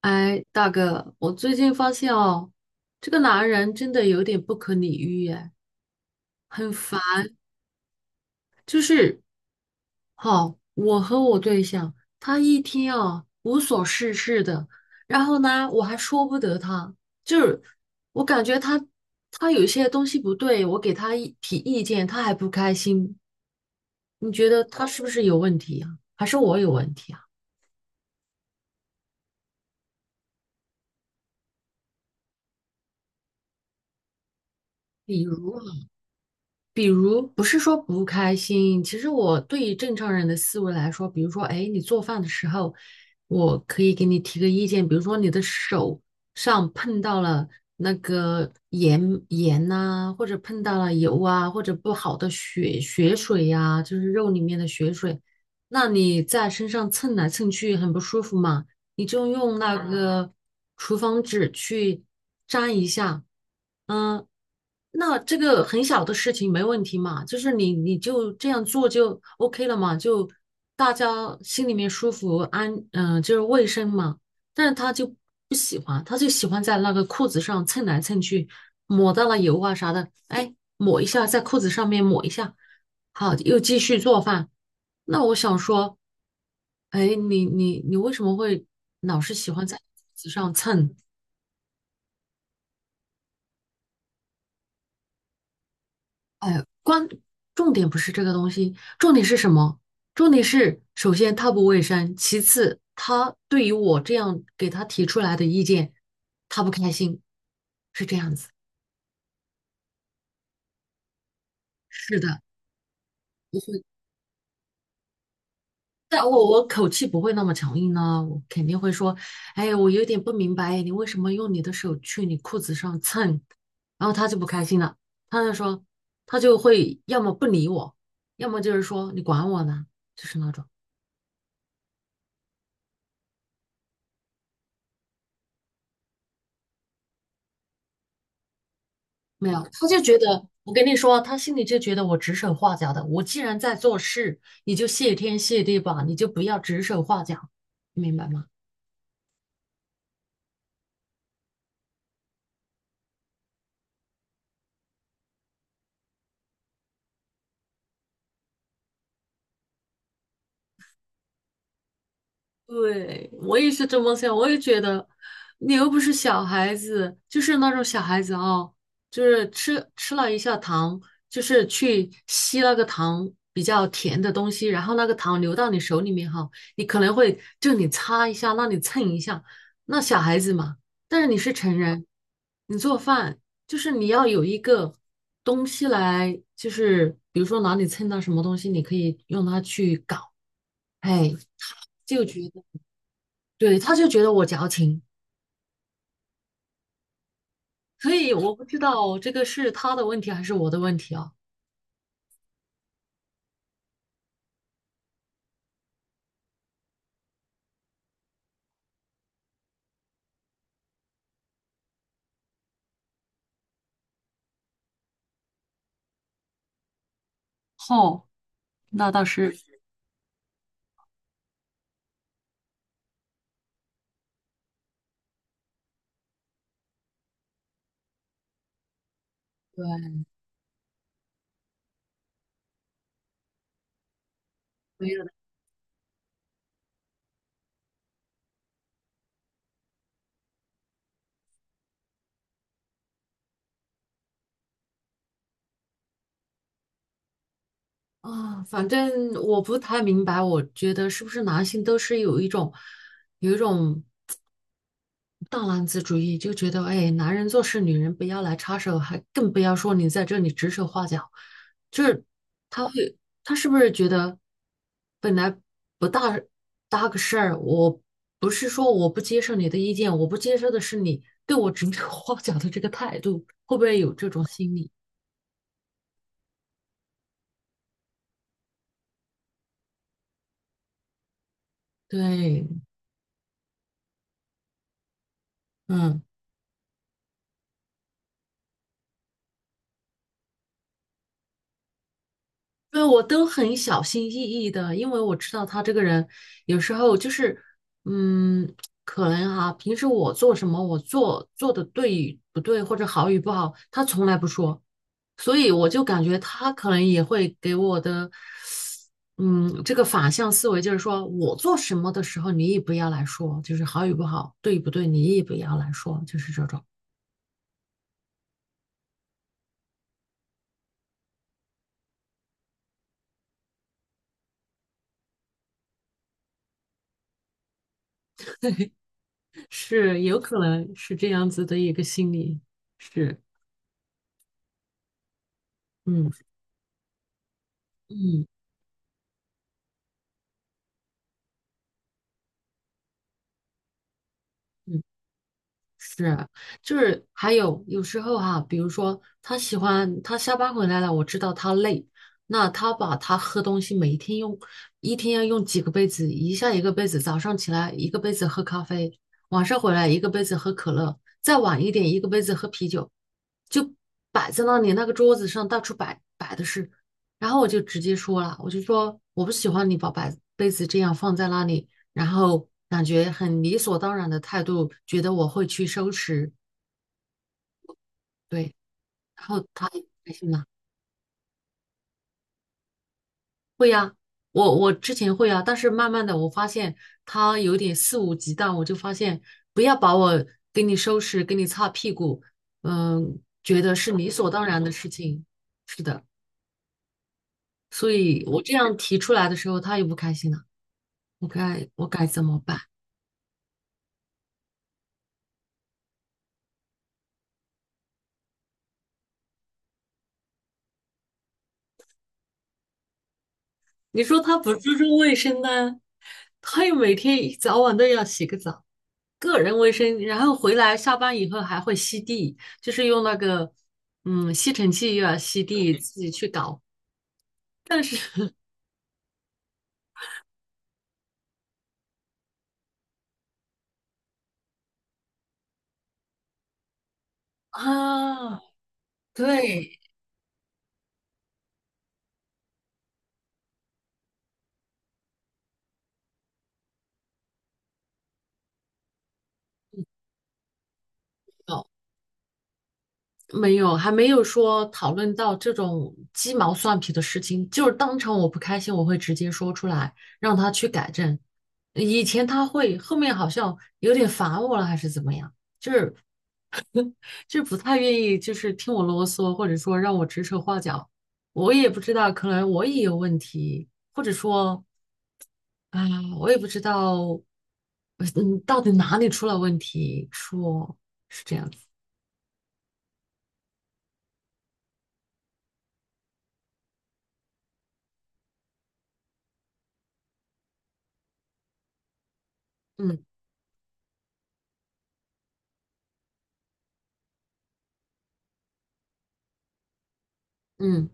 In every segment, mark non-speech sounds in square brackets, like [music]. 哎，大哥，我最近发现哦，这个男人真的有点不可理喻耶，很烦。就是，好，我和我对象，他一天啊无所事事的，然后呢，我还说不得他，就是我感觉他有些东西不对，我给他一提意见，他还不开心。你觉得他是不是有问题啊？还是我有问题啊？比如。比如不是说不开心，其实我对于正常人的思维来说，比如说，哎，你做饭的时候，我可以给你提个意见，比如说你的手上碰到了那个盐盐呐、或者碰到了油啊，或者不好的血血水呀、就是肉里面的血水，那你在身上蹭来蹭去很不舒服嘛。你就用那个厨房纸去粘一下，嗯，那这个很小的事情没问题嘛，就是你就这样做就 OK 了嘛，就大家心里面舒服安，就是卫生嘛。但是他就不喜欢，他就喜欢在那个裤子上蹭来蹭去，抹到了油啊啥的，哎，抹一下在裤子上面抹一下。好，又继续做饭。那我想说，哎，你为什么会老是喜欢在椅子上蹭？哎，关，重点不是这个东西，重点是什么？重点是，首先它不卫生，其次他对于我这样给他提出来的意见，他不开心，是这样子。是的。但我口气不会那么强硬呢，我肯定会说，哎，我有点不明白，你为什么用你的手去你裤子上蹭？然后他就不开心了，他就说，他就会要么不理我，要么就是说你管我呢，就是那种没有，他就觉得我跟你说，他心里就觉得我指手画脚的，我既然在做事，你就谢天谢地吧，你就不要指手画脚，你明白吗？对，我也是这么想，我也觉得，你又不是小孩子，就是那种小孩子哦，就是吃了一下糖，就是去吸那个糖比较甜的东西，然后那个糖流到你手里面哈，你可能会就你擦一下，那你蹭一下，那小孩子嘛，但是你是成人，你做饭就是你要有一个东西来，就是比如说哪里蹭到什么东西，你可以用它去搞，哎，就觉得。对，他就觉得我矫情，所以我不知道这个是他的问题还是我的问题啊。哦，那倒是，对，没有的啊，反正我不太明白，我觉得是不是男性都是有一种有一种大男子主义，就觉得哎，男人做事女人不要来插手，还更不要说你在这里指手画脚，就是他会，他是不是觉得本来不大搭个事儿，我不是说我不接受你的意见，我不接受的是你对我指手画脚的这个态度，会不会有这种心理？对，嗯。对，我都很小心翼翼的，因为我知道他这个人有时候就是，嗯，可能哈、平时我做什么，我做的对与不对，或者好与不好，他从来不说，所以我就感觉他可能也会给我的，嗯，这个反向思维，就是说我做什么的时候，你也不要来说，就是好与不好，对与不对，你也不要来说，就是这种，是有可能是这样子的一个心理，是，嗯嗯。是，就是还有有时候哈、比如说他喜欢他下班回来了，我知道他累，那他把他喝东西每一天用，一天要用几个杯子，一下一个杯子，早上起来一个杯子喝咖啡，晚上回来一个杯子喝可乐，再晚一点一个杯子喝啤酒，就摆在那里那个桌子上到处摆的是，然后我就直接说了，我就说我不喜欢你把摆杯子这样放在那里。然后感觉很理所当然的态度，觉得我会去收拾，对，然后他也开心了，会呀、我之前会啊，但是慢慢的我发现他有点肆无忌惮，我就发现不要把我给你收拾，给你擦屁股，嗯，觉得是理所当然的事情，是的，所以我这样提出来的时候，他也不开心了，我该怎么办？你说他不注重卫生呢，他又每天一早晚都要洗个澡。个人卫生，然后回来下班以后还会吸地，就是用那个吸尘器又要吸地，自己去搞。但是 [laughs] 啊，对，哦，没有，还没有说讨论到这种鸡毛蒜皮的事情，就是当场我不开心，我会直接说出来，让他去改正。以前他会，后面好像有点烦我了，还是怎么样？就不太愿意就是听我啰嗦，或者说让我指手画脚。我也不知道，可能我也有问题，或者说啊、我也不知道，到底哪里出了问题？说是这样子，嗯嗯，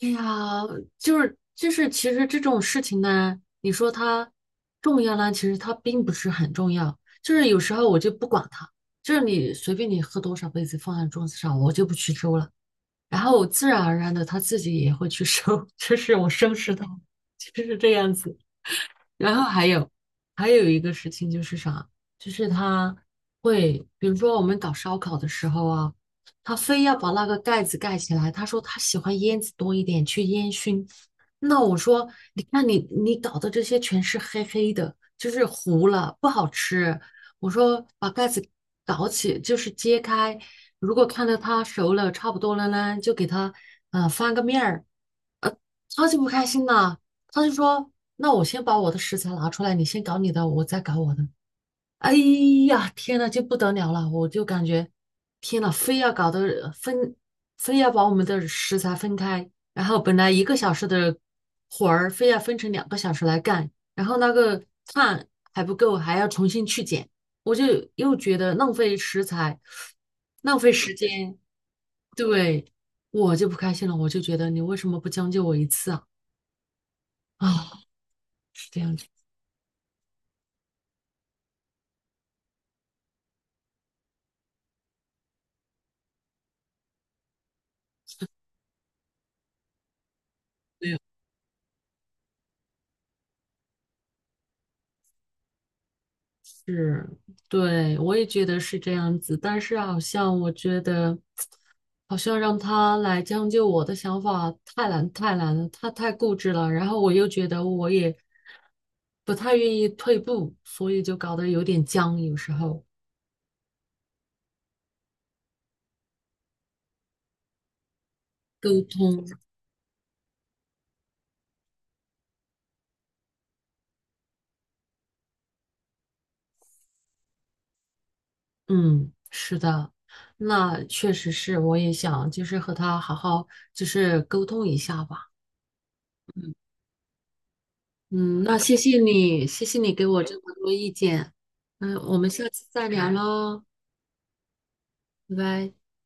哎呀，就是，其实这种事情呢，你说它重要呢，其实它并不是很重要。就是有时候我就不管它，就是你随便你喝多少杯子放在桌子上，我就不去收了。然后我自然而然的他自己也会去收，[laughs] 就是我收拾到，就是这样子。然后还有一个事情就是啥，就是他会，比如说我们搞烧烤的时候啊，他非要把那个盖子盖起来。他说他喜欢烟子多一点，去烟熏。那我说，你看你搞的这些全是黑黑的，就是糊了，不好吃。我说把盖子搞起，就是揭开，如果看到它熟了差不多了呢，就给它翻个面儿。超级不开心的。他就说：“那我先把我的食材拿出来，你先搞你的，我再搞我的。”哎呀，天呐，就不得了了！我就感觉，天呐，非要搞得分，非要把我们的食材分开，然后本来1个小时的活儿，非要分成2个小时来干，然后那个碳还不够，还要重新去捡，我就又觉得浪费食材，浪费时间，对，我就不开心了，我就觉得你为什么不将就我1次啊？啊，是这样子是，对，我也觉得是这样子，但是好像我觉得，好像让他来将就我的想法太难了，他太固执了，然后我又觉得我也不太愿意退步，所以就搞得有点僵，有时候沟通，嗯，是的，那确实是，我也想就是和他好好就是沟通一下吧。嗯，那谢谢你给我这么多意见。嗯，我们下次再聊喽，拜拜。